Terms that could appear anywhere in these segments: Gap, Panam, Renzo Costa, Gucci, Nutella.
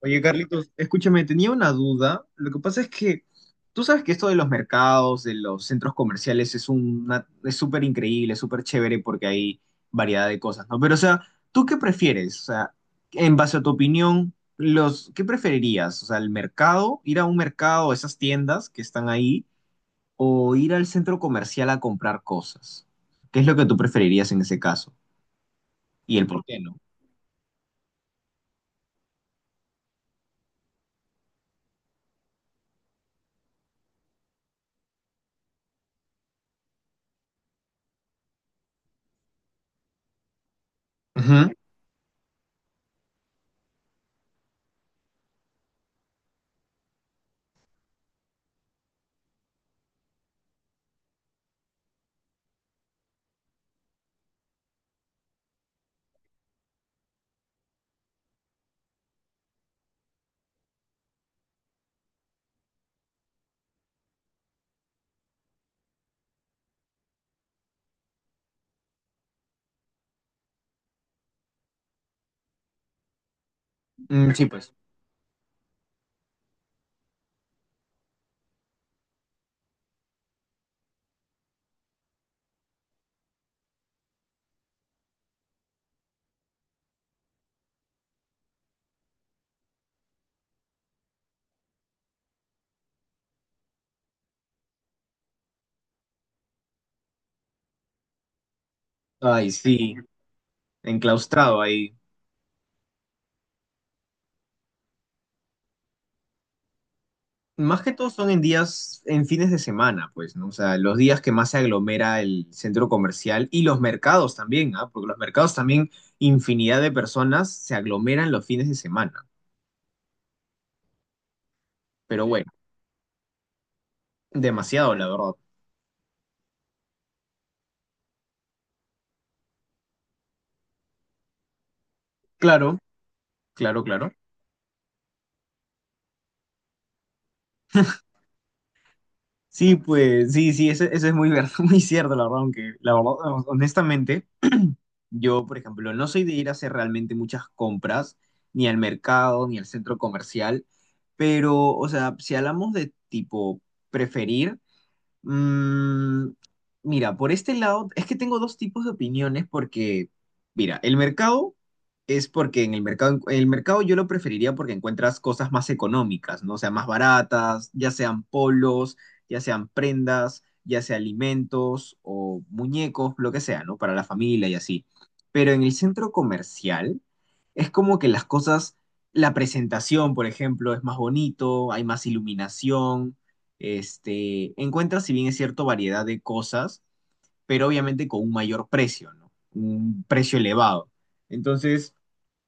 Oye, Carlitos, escúchame, tenía una duda. Lo que pasa es que tú sabes que esto de los mercados, de los centros comerciales, es súper increíble, súper chévere porque hay variedad de cosas, ¿no? Pero, o sea, ¿tú qué prefieres? O sea, en base a tu opinión, ¿qué preferirías? O sea, el mercado, ir a un mercado, esas tiendas que están ahí, o ir al centro comercial a comprar cosas. ¿Qué es lo que tú preferirías en ese caso? Y el por qué, ¿no? Ujú. Mm, sí, pues. Ay, sí, enclaustrado ahí. Más que todo son en días, en fines de semana, pues, ¿no? O sea, los días que más se aglomera el centro comercial y los mercados también, ¿ah? Porque los mercados también, infinidad de personas se aglomeran los fines de semana. Pero bueno, demasiado, la verdad. Claro, claro, claro. Sí, pues, sí, sí, eso es muy cierto, la verdad, aunque, la verdad, honestamente, yo, por ejemplo, no soy de ir a hacer realmente muchas compras, ni al mercado, ni al centro comercial, pero, o sea, si hablamos de tipo preferir. Mm, mira, por este lado, es que tengo dos tipos de opiniones porque, mira, el mercado es porque en el mercado, yo lo preferiría porque encuentras cosas más económicas, ¿no? O sea, más baratas, ya sean polos, ya sean prendas, ya sea alimentos o muñecos, lo que sea, ¿no? Para la familia y así. Pero en el centro comercial es como que las cosas, la presentación, por ejemplo, es más bonito, hay más iluminación, encuentras, si bien es cierto, variedad de cosas, pero obviamente con un mayor precio, ¿no? Un precio elevado. Entonces,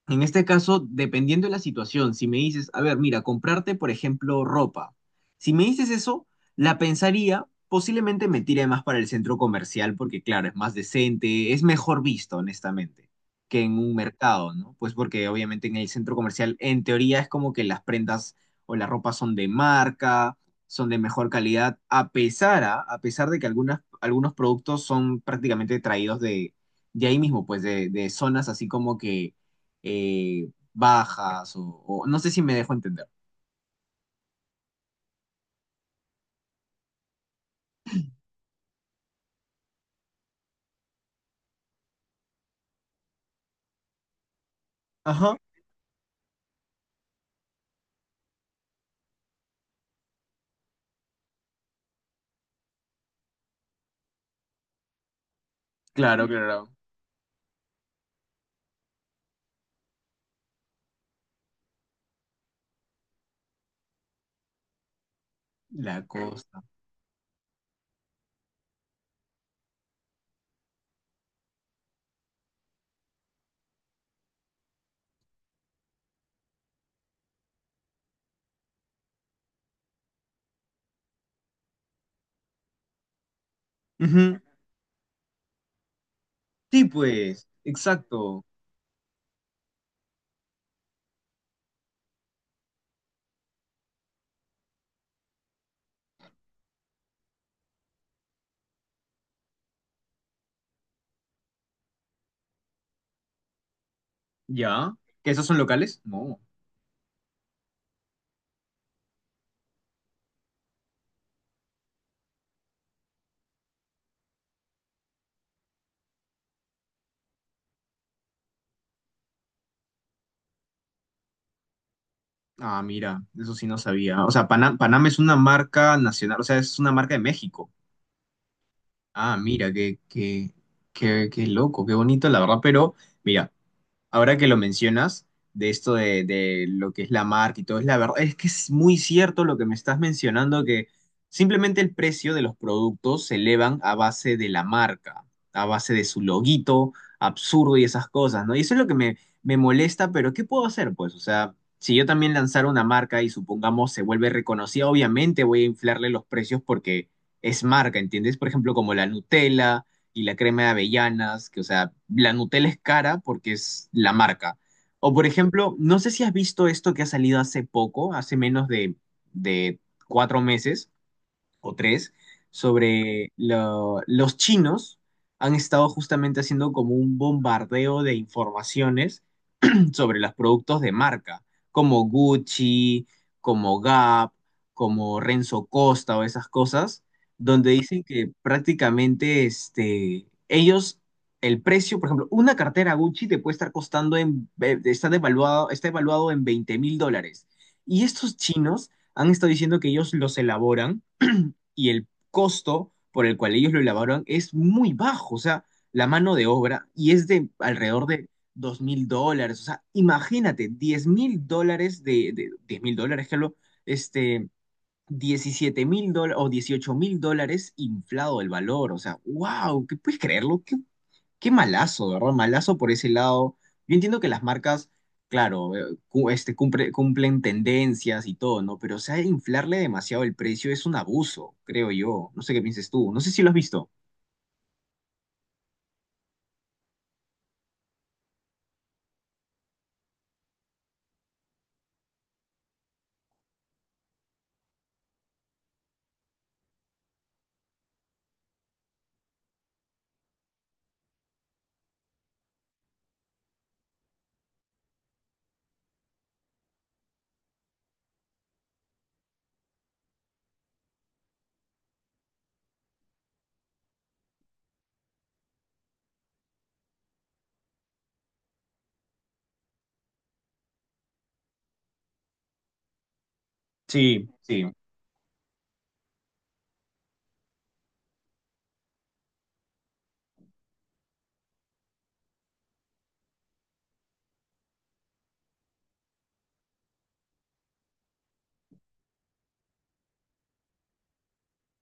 en este caso, dependiendo de la situación, si me dices, a ver, mira, comprarte, por ejemplo, ropa. Si me dices eso, la pensaría, posiblemente me tire más para el centro comercial porque, claro, es más decente, es mejor visto, honestamente, que en un mercado, ¿no? Pues porque obviamente en el centro comercial, en teoría, es como que las prendas o la ropa son de marca, son de mejor calidad, a pesar de que algunos productos son prácticamente traídos de ahí mismo, pues de zonas así como que bajas no sé si me dejo entender. Ajá. Claro, claro. La costa. Ujú. Sí, pues, exacto. ¿Ya? ¿Que esos son locales? No. Ah, mira, eso sí no sabía. O sea, Panam Panam es una marca nacional, o sea, es una marca de México. Ah, mira, qué loco, qué bonito, la verdad. Pero, mira, ahora que lo mencionas, de esto de lo que es la marca y todo, es la verdad, es que es muy cierto lo que me estás mencionando, que simplemente el precio de los productos se elevan a base de la marca, a base de su loguito absurdo y esas cosas, ¿no? Y eso es lo que me molesta, pero ¿qué puedo hacer, pues? O sea, si yo también lanzara una marca y supongamos se vuelve reconocida, obviamente voy a inflarle los precios porque es marca, ¿entiendes? Por ejemplo, como la Nutella y la crema de avellanas, que o sea, la Nutella es cara porque es la marca. O por ejemplo, no sé si has visto esto que ha salido hace poco, hace menos de 4 meses o 3, sobre los chinos han estado justamente haciendo como un bombardeo de informaciones sobre los productos de marca, como Gucci, como Gap, como Renzo Costa o esas cosas, donde dicen que prácticamente el precio, por ejemplo, una cartera Gucci te puede estar costando, está evaluado en 20.000 dólares. Y estos chinos han estado diciendo que ellos los elaboran y el costo por el cual ellos lo elaboran es muy bajo, o sea, la mano de obra y es de alrededor de 2.000 dólares, o sea, imagínate, 10.000 dólares de 10 mil dólares, Carlos, este, 17.000 dólares o 18.000 dólares inflado el valor, o sea, wow, ¿qué puedes creerlo? ¡Qué malazo, ¿verdad?! Malazo por ese lado. Yo entiendo que las marcas, claro, cumplen tendencias y todo, ¿no? Pero, o sea, inflarle demasiado el precio es un abuso, creo yo. No sé qué pienses tú. No sé si lo has visto. Sí, sí,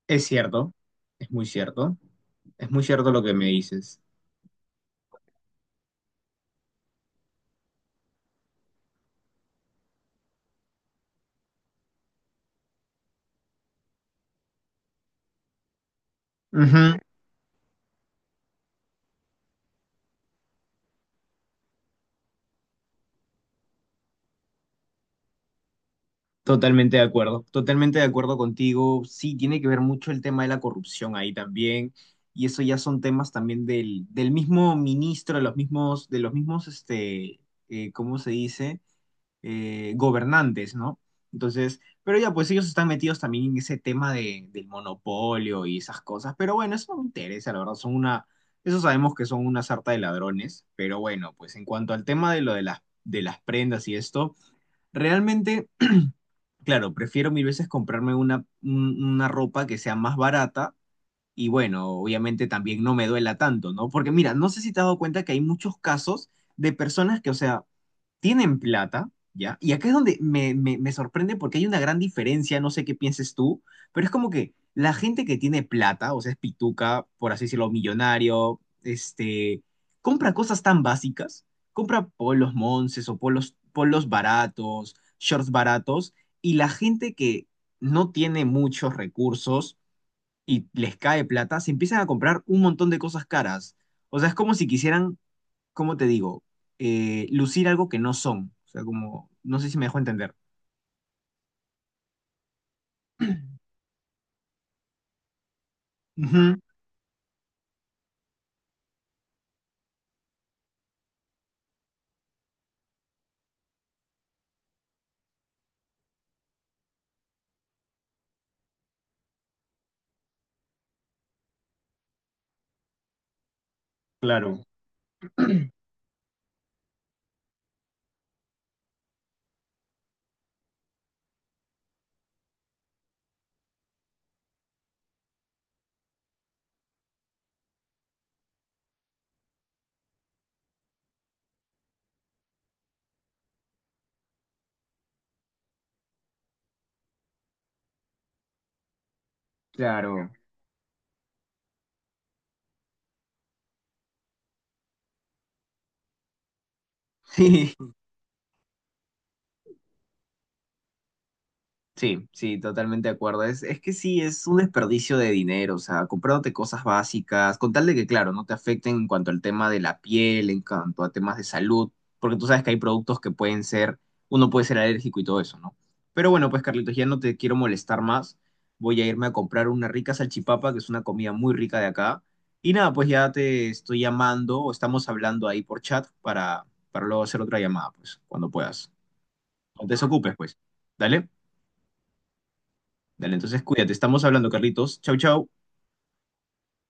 es cierto, es muy cierto, es muy cierto lo que me dices. Totalmente de acuerdo contigo. Sí, tiene que ver mucho el tema de la corrupción ahí también, y eso ya son temas también del mismo ministro, de los mismos, ¿cómo se dice? Gobernantes, ¿no? Entonces, pero ya, pues ellos están metidos también en ese tema del monopolio y esas cosas, pero bueno, eso no me interesa, la verdad, eso sabemos que son una sarta de ladrones, pero bueno, pues en cuanto al tema de lo de las prendas y esto, realmente... Claro, prefiero mil veces comprarme una ropa que sea más barata y bueno, obviamente también no me duela tanto, ¿no? Porque mira, no sé si te has dado cuenta que hay muchos casos de personas que, o sea, tienen plata, ¿ya? Y acá es donde me sorprende porque hay una gran diferencia, no sé qué pienses tú, pero es como que la gente que tiene plata, o sea, es pituca, por así decirlo, millonario, compra cosas tan básicas, compra polos monces o polos baratos, shorts baratos, y la gente que no tiene muchos recursos y les cae plata, se empiezan a comprar un montón de cosas caras. O sea, es como si quisieran ¿cómo te digo? Lucir algo que no son. O sea, como, no sé si me dejo entender. Ujú, claro, claro. Sí, sí, sí, totalmente de acuerdo. Es que sí, es un desperdicio de dinero, o sea, comprándote cosas básicas, con tal de que, claro, no te afecten en cuanto al tema de la piel, en cuanto a temas de salud, porque tú sabes que hay productos que pueden ser, uno puede ser alérgico y todo eso, ¿no? Pero bueno, pues Carlitos, ya no te quiero molestar más. Voy a irme a comprar una rica salchipapa, que es una comida muy rica de acá. Y nada, pues ya te estoy llamando o estamos hablando ahí por chat para, luego hacer otra llamada, pues, cuando puedas. No te desocupes, pues. ¿Dale? Dale, entonces cuídate. Estamos hablando, Carlitos. Chau, chau.